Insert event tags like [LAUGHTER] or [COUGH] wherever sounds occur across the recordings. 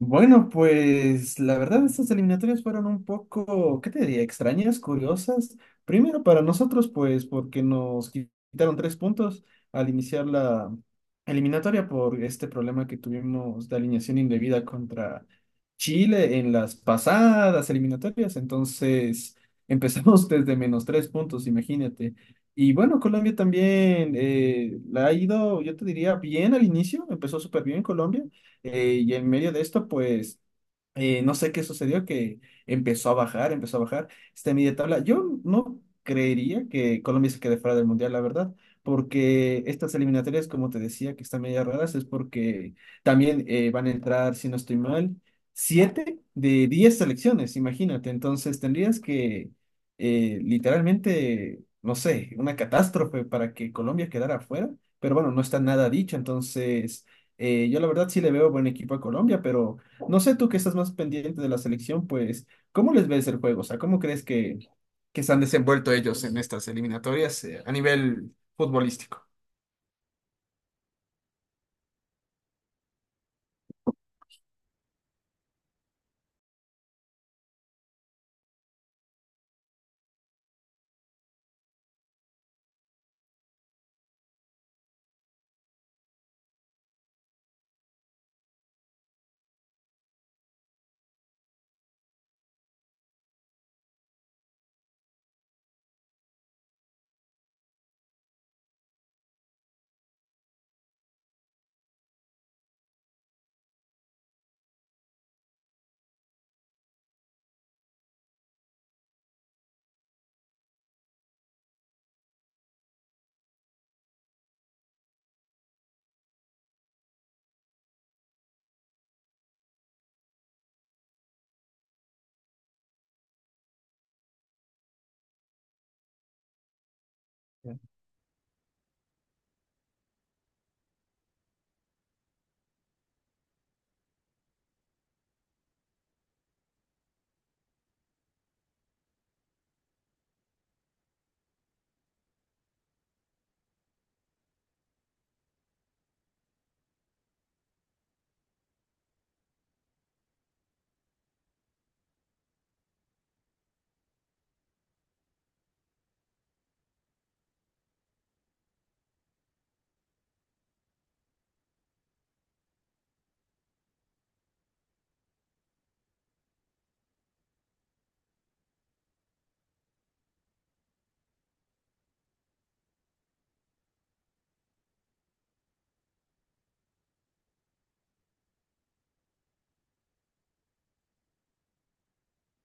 Bueno, pues la verdad estas eliminatorias fueron un poco, ¿qué te diría? Extrañas, curiosas. Primero para nosotros, pues porque nos quitaron 3 puntos al iniciar la eliminatoria por este problema que tuvimos de alineación indebida contra Chile en las pasadas eliminatorias. Entonces empezamos [LAUGHS] desde menos 3 puntos, imagínate. Y bueno, Colombia también la ha ido, yo te diría, bien al inicio, empezó súper bien Colombia y en medio de esto, pues no sé qué sucedió, que empezó a bajar esta media tabla. Yo no creería que Colombia se quede fuera del Mundial, la verdad, porque estas eliminatorias, como te decía, que están media raras, es porque también van a entrar, si no estoy mal, 7 de 10 selecciones, imagínate. Entonces tendrías que, literalmente, no sé, una catástrofe para que Colombia quedara fuera, pero bueno, no está nada dicho, entonces yo la verdad sí le veo buen equipo a Colombia, pero no sé tú que estás más pendiente de la selección, pues, ¿cómo les ves el juego? O sea, ¿cómo crees que se han desenvuelto ellos en estas eliminatorias a nivel futbolístico?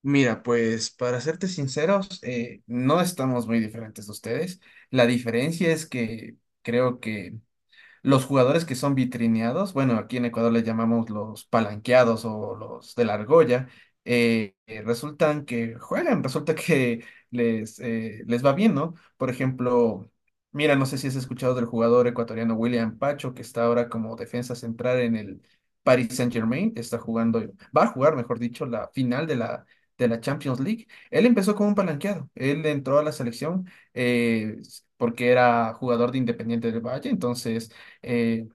Mira, pues para serte sinceros, no estamos muy diferentes de ustedes. La diferencia es que creo que los jugadores que son vitrineados, bueno, aquí en Ecuador les llamamos los palanqueados o los de la argolla, resultan que juegan, resulta que [LAUGHS] les va bien, ¿no? Por ejemplo, mira, no sé si has escuchado del jugador ecuatoriano William Pacho, que está ahora como defensa central en el Paris Saint-Germain, está jugando, va a jugar, mejor dicho, la final de la Champions League. Él empezó como un palanqueado, él entró a la selección eh, porque era jugador de Independiente del Valle, entonces eh,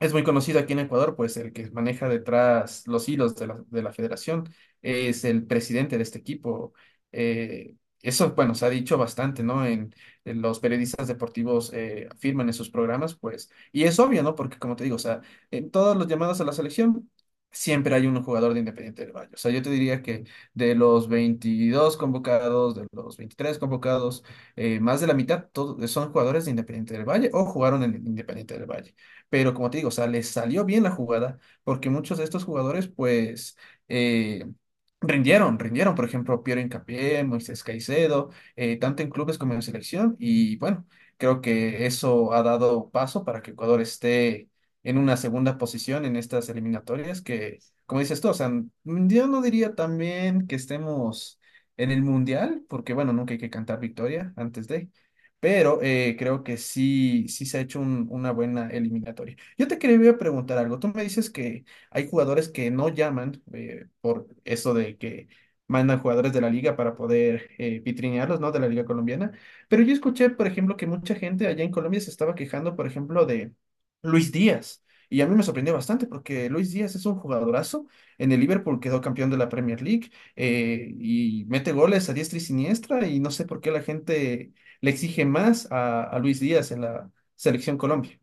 es muy conocido aquí en Ecuador, pues el que maneja detrás los hilos de la federación es el presidente de este equipo. Eh, Eso, bueno, se ha dicho bastante, ¿no? En los periodistas deportivos afirman en sus programas, pues, y es obvio, ¿no? Porque como te digo, o sea, en todos los llamados a la selección siempre hay un jugador de Independiente del Valle. O sea, yo te diría que de los 23 convocados, más de la mitad son jugadores de Independiente del Valle o jugaron en Independiente del Valle. Pero como te digo, o sea, les salió bien la jugada, porque muchos de estos jugadores, pues, eh, rindieron, rindieron, por ejemplo, Piero Hincapié, Moisés Caicedo, tanto en clubes como en selección, y bueno, creo que eso ha dado paso para que Ecuador esté en una segunda posición en estas eliminatorias, que, como dices tú, o sea, yo no diría también que estemos en el mundial, porque bueno, nunca hay que cantar victoria antes de, pero creo que sí, sí se ha hecho una buena eliminatoria. Yo te quería preguntar algo. Tú me dices que hay jugadores que no llaman por eso de que mandan jugadores de la liga para poder vitrinearlos, ¿no? De la liga colombiana. Pero yo escuché, por ejemplo, que mucha gente allá en Colombia se estaba quejando, por ejemplo, de Luis Díaz. Y a mí me sorprendió bastante porque Luis Díaz es un jugadorazo. En el Liverpool quedó campeón de la Premier League y mete goles a diestra y siniestra y no sé por qué la gente le exige más a Luis Díaz en la selección Colombia.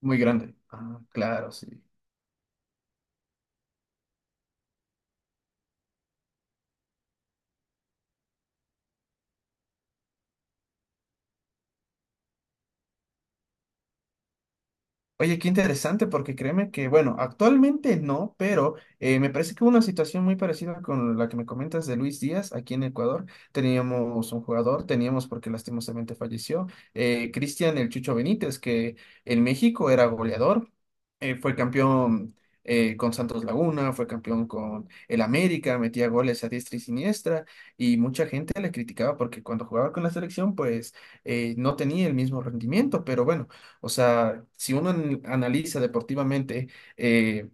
Muy grande. Ah, claro, sí. Oye, qué interesante, porque créeme que, bueno, actualmente no, pero me parece que hubo una situación muy parecida con la que me comentas de Luis Díaz aquí en Ecuador. Teníamos un jugador, teníamos porque lastimosamente falleció, Cristian el Chucho Benítez, que en México era goleador, fue campeón con Santos Laguna, fue campeón con el América, metía goles a diestra y siniestra, y mucha gente le criticaba porque cuando jugaba con la selección, pues no tenía el mismo rendimiento, pero bueno. O sea, si uno analiza deportivamente, eh,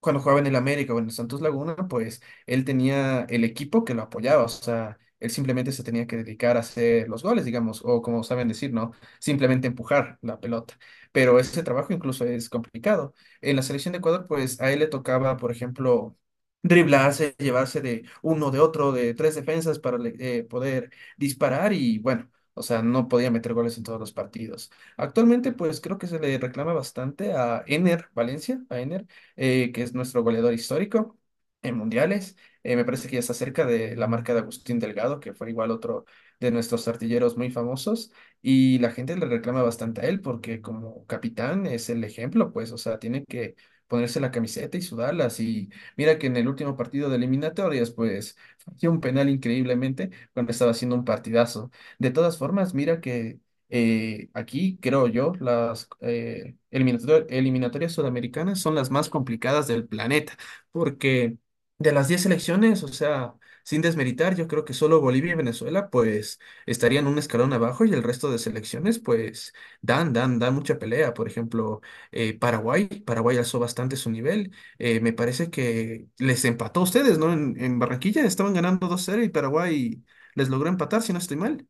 cuando jugaba en el América o en el Santos Laguna, pues él tenía el equipo que lo apoyaba, o sea, él simplemente se tenía que dedicar a hacer los goles, digamos, o como saben decir, ¿no? Simplemente empujar la pelota. Pero ese trabajo incluso es complicado. En la selección de Ecuador, pues a él le tocaba, por ejemplo, driblarse, llevarse de uno, de otro, de tres defensas para poder disparar y bueno, o sea, no podía meter goles en todos los partidos. Actualmente, pues creo que se le reclama bastante a Ener Valencia, a Ener, que es nuestro goleador histórico en mundiales. Me parece que ya está cerca de la marca de Agustín Delgado, que fue igual otro de nuestros artilleros muy famosos. Y la gente le reclama bastante a él porque como capitán es el ejemplo, pues, o sea, tiene que ponerse la camiseta y sudarlas. Y mira que en el último partido de eliminatorias, pues, falló un penal increíblemente cuando estaba haciendo un partidazo. De todas formas, mira que aquí, creo yo, las eliminatorias sudamericanas son las más complicadas del planeta, porque de las 10 selecciones, o sea, sin desmeritar, yo creo que solo Bolivia y Venezuela, pues, estarían un escalón abajo y el resto de selecciones, pues, dan mucha pelea. Por ejemplo, Paraguay, Paraguay alzó bastante su nivel. Me parece que les empató a ustedes, ¿no? En Barranquilla estaban ganando 2-0 y Paraguay les logró empatar, si no estoy mal.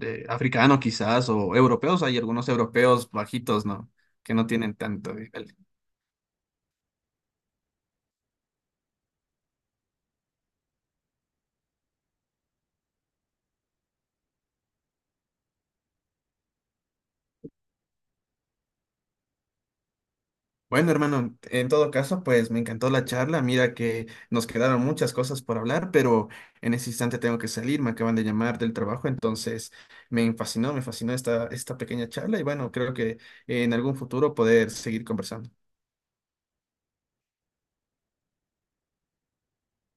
De africano quizás o europeos, hay algunos europeos bajitos, ¿no? Que no tienen tanto nivel. Bueno, hermano, en todo caso, pues me encantó la charla. Mira que nos quedaron muchas cosas por hablar, pero en ese instante tengo que salir, me acaban de llamar del trabajo, entonces me fascinó esta pequeña charla y bueno, creo que en algún futuro poder seguir conversando.